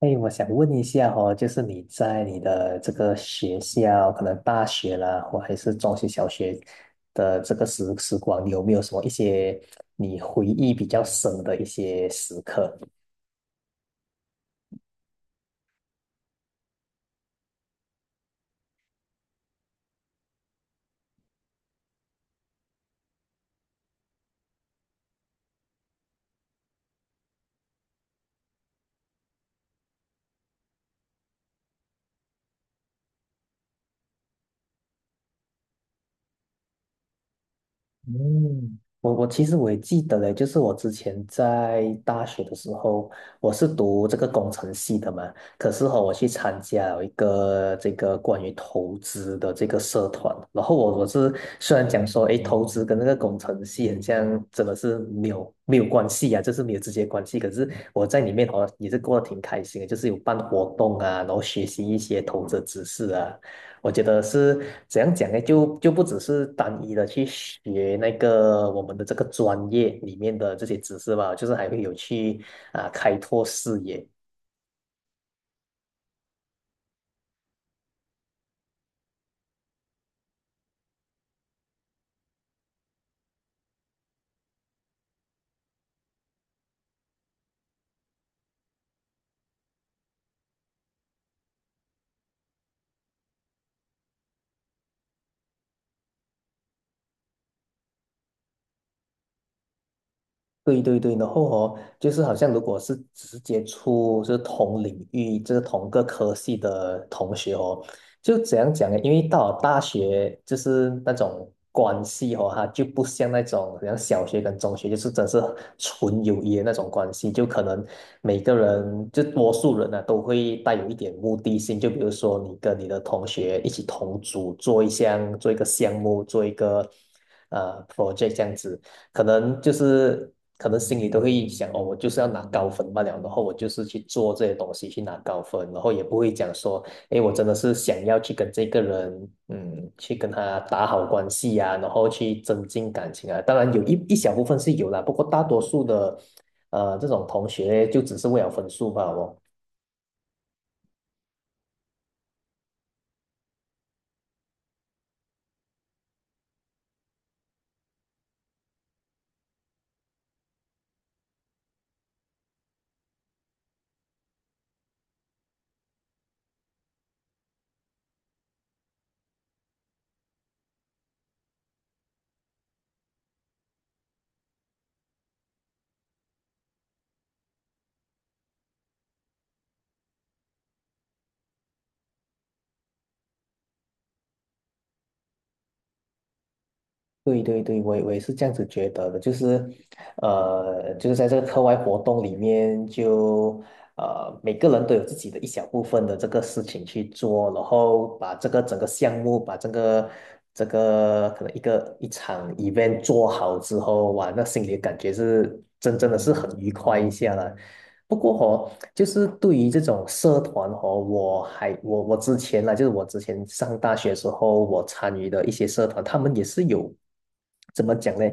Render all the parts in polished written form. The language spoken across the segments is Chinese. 哎，我想问一下哦，就是你在你的这个学校，可能大学啦，或还是中学、小学的这个时光，你有没有什么一些你回忆比较深的一些时刻？嗯，我其实我也记得嘞，就是我之前在大学的时候，我是读这个工程系的嘛，可是哈、我去参加了一个这个关于投资的这个社团，然后我是虽然讲说，诶，投资跟那个工程系很像，真的是没有关系啊，就是没有直接关系，可是我在里面好像也是过得挺开心的，就是有办活动啊，然后学习一些投资知识啊，我觉得是怎样讲呢？就不只是单一的去学那个我们的这个专业里面的这些知识吧，就是还会有去啊、开拓视野。对对对，然后哦，就是好像如果是直接出就是同领域，就是同个科系的同学哦，就怎样讲呢？因为到了大学，就是那种关系哦，它就不像那种像小学跟中学，就是真是纯友谊的那种关系，就可能每个人就多数人呢、都会带有一点目的性，就比如说你跟你的同学一起同组做一项做一个项目做一个project 这样子。可能就是可能心里都会想哦，我就是要拿高分罢了，然后我就是去做这些东西去拿高分，然后也不会讲说，哎，我真的是想要去跟这个人，去跟他打好关系啊，然后去增进感情啊。当然有一小部分是有啦，不过大多数的这种同学就只是为了分数吧，哦。对对对，我也是这样子觉得的，就是在这个课外活动里面就，每个人都有自己的一小部分的这个事情去做，然后把这个整个项目，把这个可能一个一场 event 做好之后，哇，那心里的感觉是真的是很愉快一下了，不过哦，就是对于这种社团哦，我还我我之前啦，就是我之前上大学时候，我参与的一些社团，他们也是有怎么讲呢？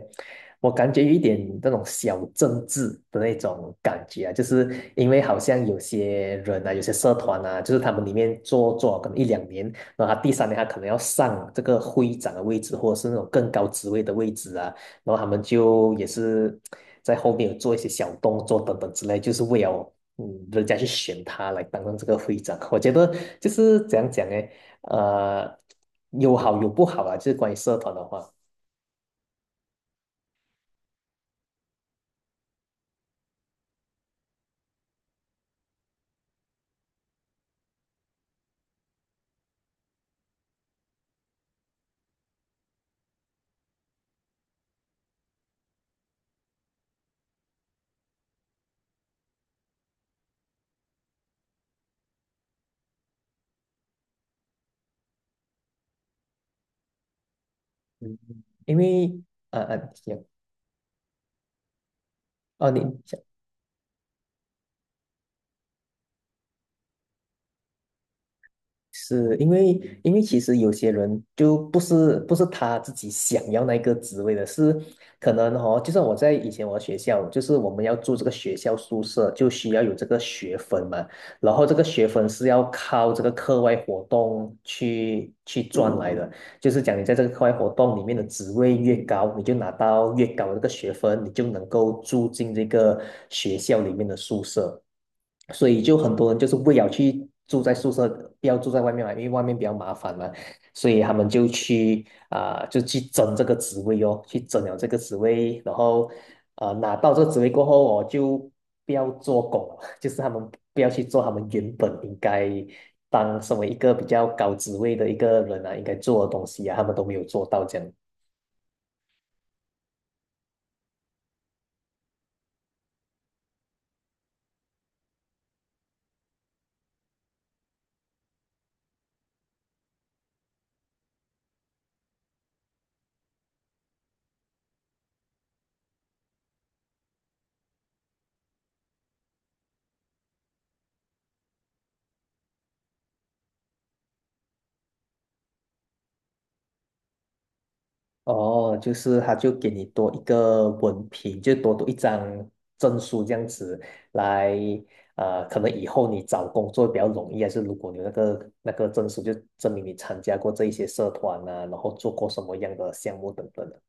我感觉有一点那种小政治的那种感觉啊，就是因为好像有些人啊，有些社团啊，就是他们里面做可能一两年，然后他第三年他可能要上这个会长的位置，或者是那种更高职位的位置啊。然后他们就也是在后面有做一些小动作等等之类，就是为了人家去选他来担任这个会长。我觉得就是怎样讲呢？呃，有好有不好啊，就是关于社团的话，嗯因为行哦，你是因为，因为其实有些人就不是他自己想要那个职位的，是可能哦，就像我在以前我学校，就是我们要住这个学校宿舍，就需要有这个学分嘛，然后这个学分是要靠这个课外活动去赚来的，就是讲你在这个课外活动里面的职位越高，你就拿到越高的这个学分，你就能够住进这个学校里面的宿舍。所以就很多人就是为了去住在宿舍，不要住在外面嘛，因为外面比较麻烦嘛，所以他们就去啊、就去争这个职位哦，去争了这个职位，然后拿到这个职位过后，我就不要做工了 就是他们不要去做他们原本应该当身为一个比较高职位的一个人啊，应该做的东西啊，他们都没有做到这样。哦，就是他就给你多一个文凭，就多读一张证书这样子来，可能以后你找工作比较容易，还是如果你有那个证书，就证明你参加过这一些社团啊，然后做过什么样的项目等等的。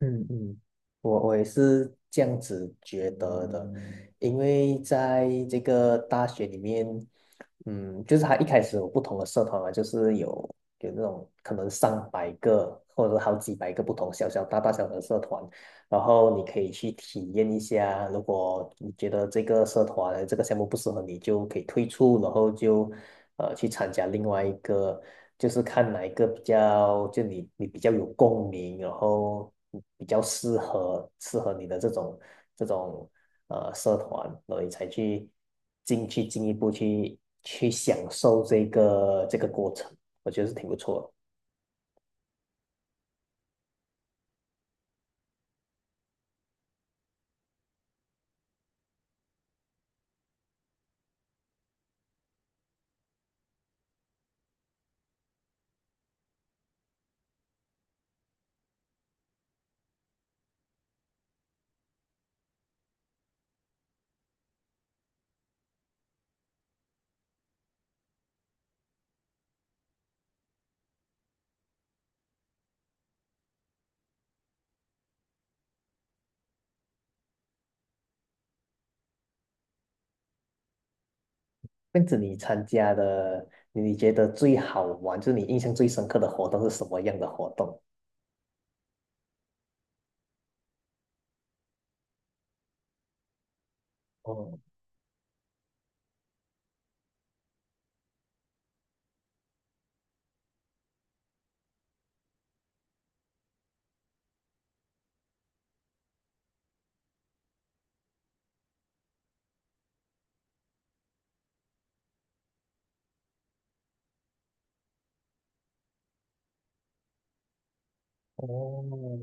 嗯嗯，我也是这样子觉得的，因为在这个大学里面，嗯，就是他一开始有不同的社团啊，就是有那种可能上百个或者好几百个不同小小大大小小的社团，然后你可以去体验一下，如果你觉得这个社团这个项目不适合你，就可以退出，然后就去参加另外一个，就是看哪一个比较就你比较有共鸣，然后比较适合你的这种这种社团，然后你才去进一步去享受这个过程，我觉得是挺不错的。跟着你参加的，你觉得最好玩，就是你印象最深刻的活动是什么样的活动？哦哦，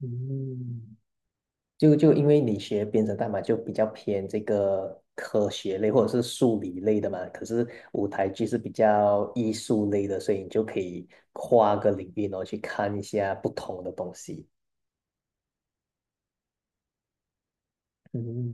嗯，就因为你学编程代码就比较偏这个科学类或者是数理类的嘛，可是舞台剧是比较艺术类的，所以你就可以跨个领域，然后去看一下不同的东西。嗯，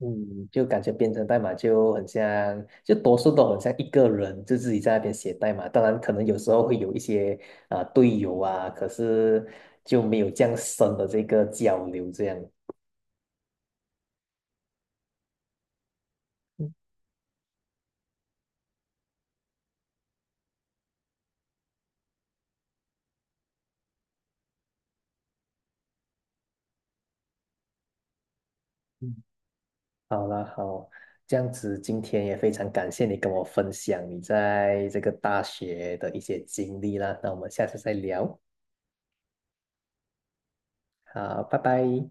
嗯，就感觉编程代码就很像，就多数都很像一个人，就自己在那边写代码。当然，可能有时候会有一些啊、队友啊，可是就没有这样深的这个交流。这样，嗯嗯，好啦，好，这样子今天也非常感谢你跟我分享你在这个大学的一些经历啦。那我们下次再聊，好，拜拜。